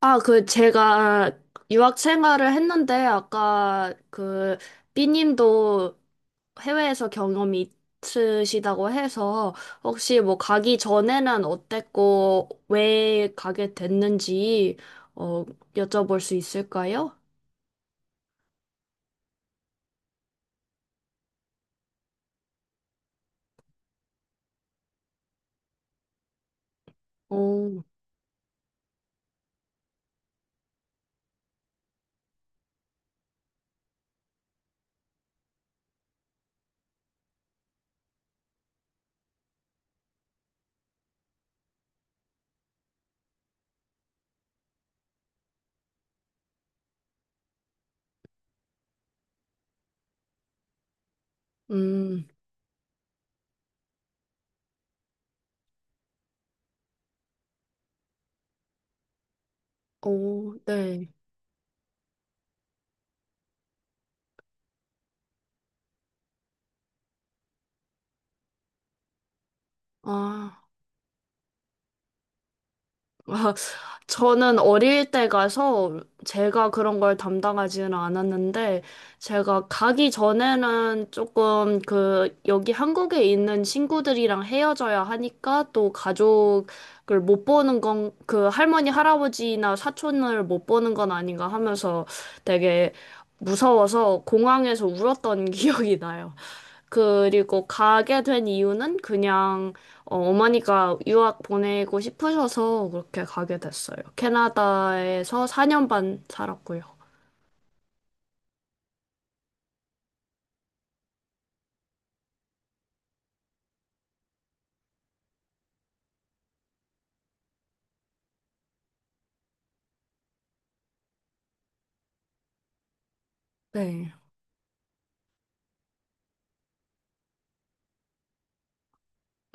아, 그, 제가 유학 생활을 했는데, 아까 그, 삐님도 해외에서 경험이 있으시다고 해서, 혹시 뭐 가기 전에는 어땠고, 왜 가게 됐는지, 어, 여쭤볼 수 있을까요? 오, 음, 오, 네. 아. 아, 저는 어릴 때 가서 제가 그런 걸 담당하지는 않았는데, 제가 가기 전에는 조금 그, 여기 한국에 있는 친구들이랑 헤어져야 하니까 또 가족을 못 보는 건, 그 할머니, 할아버지나 사촌을 못 보는 건 아닌가 하면서 되게 무서워서 공항에서 울었던 기억이 나요. 그리고 가게 된 이유는 그냥 어머니가 유학 보내고 싶으셔서 그렇게 가게 됐어요. 캐나다에서 4년 반 살았고요. 네,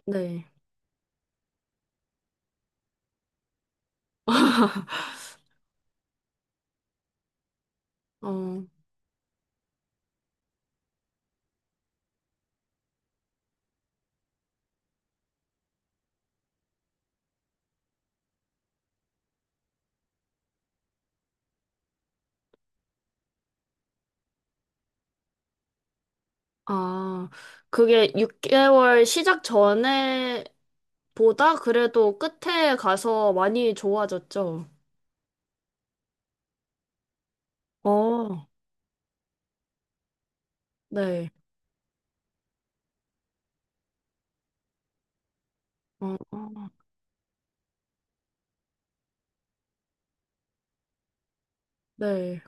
네. 어, 아, 그게 6개월 시작 전에 보다 그래도 끝에 가서 많이 좋아졌죠. 어, 네. 어, 어, 네.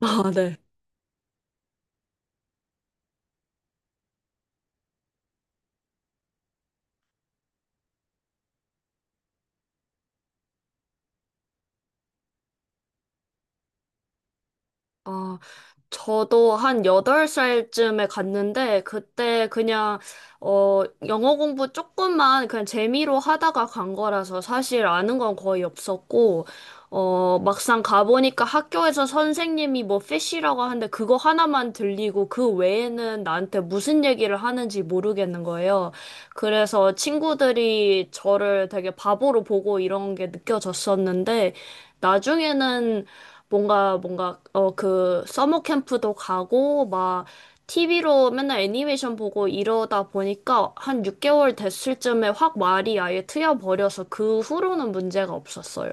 아, 네. 아, 저도 한 8살쯤에 갔는데, 그때 그냥, 어, 영어 공부 조금만 그냥 재미로 하다가 간 거라서 사실 아는 건 거의 없었고, 막상 가보니까 학교에서 선생님이 뭐 피쉬라고 하는데 그거 하나만 들리고 그 외에는 나한테 무슨 얘기를 하는지 모르겠는 거예요. 그래서 친구들이 저를 되게 바보로 보고 이런 게 느껴졌었는데, 나중에는 뭔가 그 서머 캠프도 가고 막 TV로 맨날 애니메이션 보고 이러다 보니까 한 6개월 됐을 쯤에 확 말이 아예 트여 버려서 그 후로는 문제가 없었어요.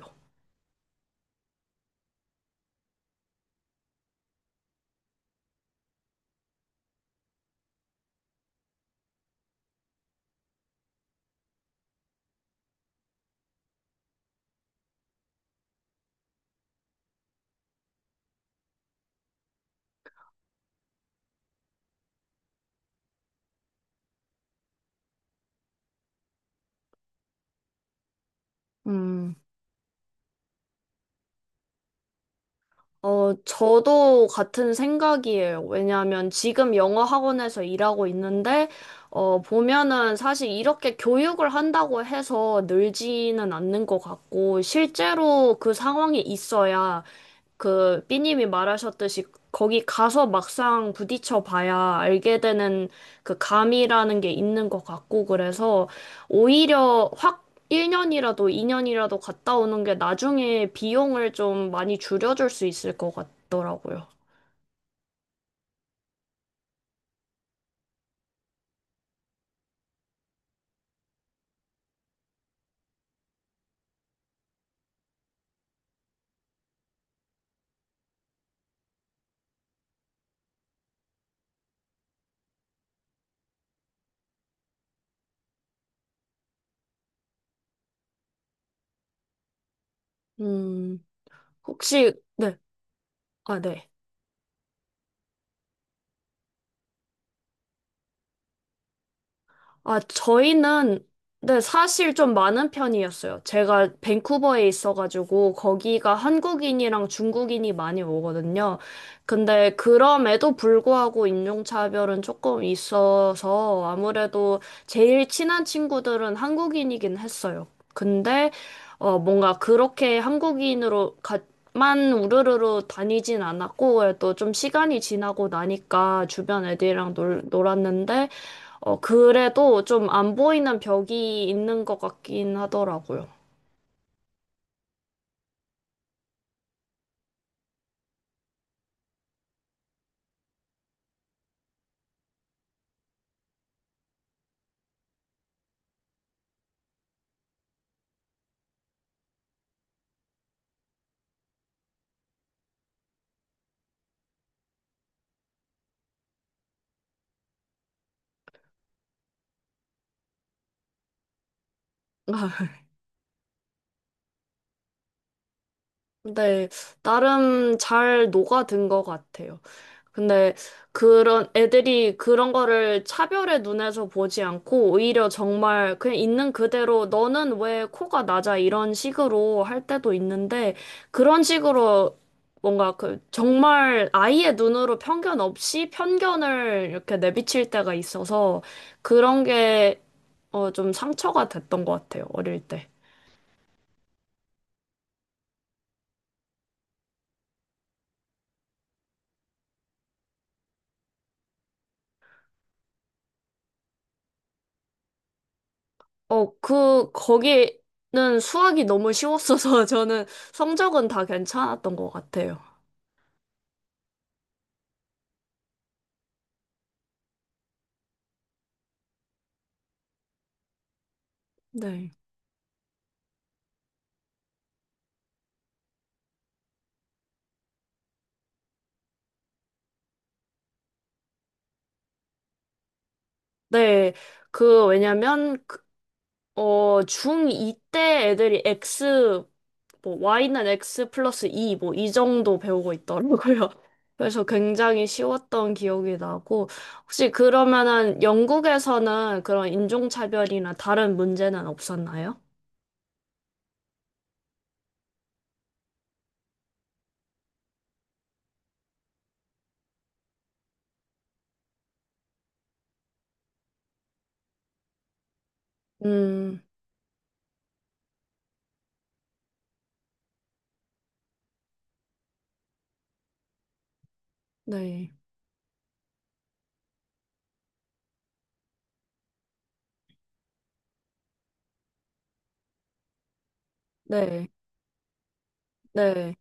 음. 저도 같은 생각이에요. 왜냐하면 지금 영어 학원에서 일하고 있는데, 보면은 사실 이렇게 교육을 한다고 해서 늘지는 않는 것 같고, 실제로 그 상황이 있어야 그 삐님이 말하셨듯이 거기 가서 막상 부딪혀 봐야 알게 되는 그 감이라는 게 있는 것 같고, 그래서 오히려 확 1년이라도 2년이라도 갔다 오는 게 나중에 비용을 좀 많이 줄여줄 수 있을 것 같더라고요. 음, 혹시, 네, 아, 네. 아, 저희는 네, 사실 좀 많은 편이었어요. 제가 밴쿠버에 있어가지고 거기가 한국인이랑 중국인이 많이 오거든요. 근데 그럼에도 불구하고 인종차별은 조금 있어서 아무래도 제일 친한 친구들은 한국인이긴 했어요. 근데 뭔가 그렇게 한국인으로 만 우르르르 다니진 않았고 또 좀 시간이 지나고 나니까 주변 애들이랑 놀았는데. 그래도 좀 안 보이는 벽이 있는 것 같긴 하더라고요. 근데 나름 잘 녹아든 것 같아요. 근데 그런 애들이 그런 거를 차별의 눈에서 보지 않고 오히려 정말 그냥 있는 그대로 너는 왜 코가 낮아 이런 식으로 할 때도 있는데 그런 식으로 뭔가 그 정말 아이의 눈으로 편견 없이 편견을 이렇게 내비칠 때가 있어서 그런 게 좀 상처가 됐던 것 같아요, 어릴 때. 그, 거기는 수학이 너무 쉬웠어서 저는 성적은 다 괜찮았던 것 같아요. 네. 네, 그, 왜냐면, 그, 중2 때 애들이 X, 뭐, Y는 X 플러스 2, 뭐, 이 정도 배우고 있더라고요. 그래서 굉장히 쉬웠던 기억이 나고, 혹시 그러면은 영국에서는 그런 인종차별이나 다른 문제는 없었나요? 음, 네. 네, 네.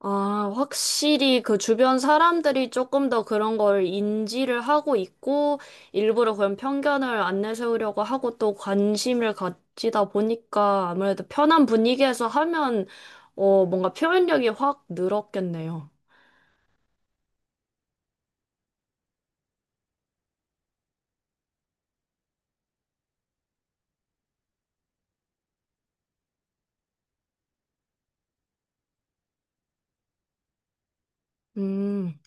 아, 확실히 그 주변 사람들이 조금 더 그런 걸 인지를 하고 있고, 일부러 그런 편견을 안 내세우려고 하고 또 관심을 가지다 보니까 아무래도 편한 분위기에서 하면, 뭔가 표현력이 확 늘었겠네요. 음.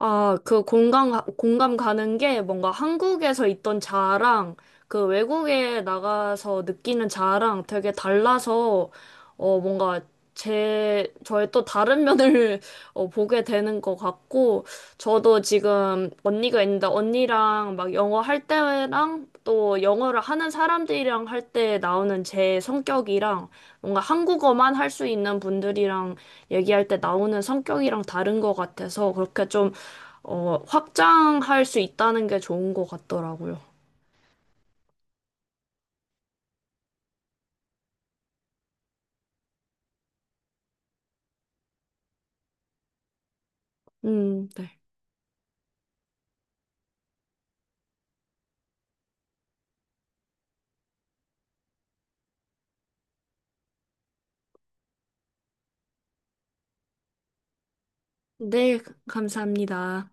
아, 그 공감 가는 게 뭔가 한국에서 있던 자아랑 그 외국에 나가서 느끼는 자아랑 되게 달라서 뭔가 저의 또 다른 면을 보게 되는 것 같고 저도 지금 언니가 있는데 언니랑 막 영어 할 때랑 또 영어를 하는 사람들이랑 할 때 나오는 제 성격이랑 뭔가 한국어만 할 수 있는 분들이랑 얘기할 때 나오는 성격이랑 다른 것 같아서 그렇게 좀 확장할 수 있다는 게 좋은 것 같더라고요. 네. 네, 감사합니다.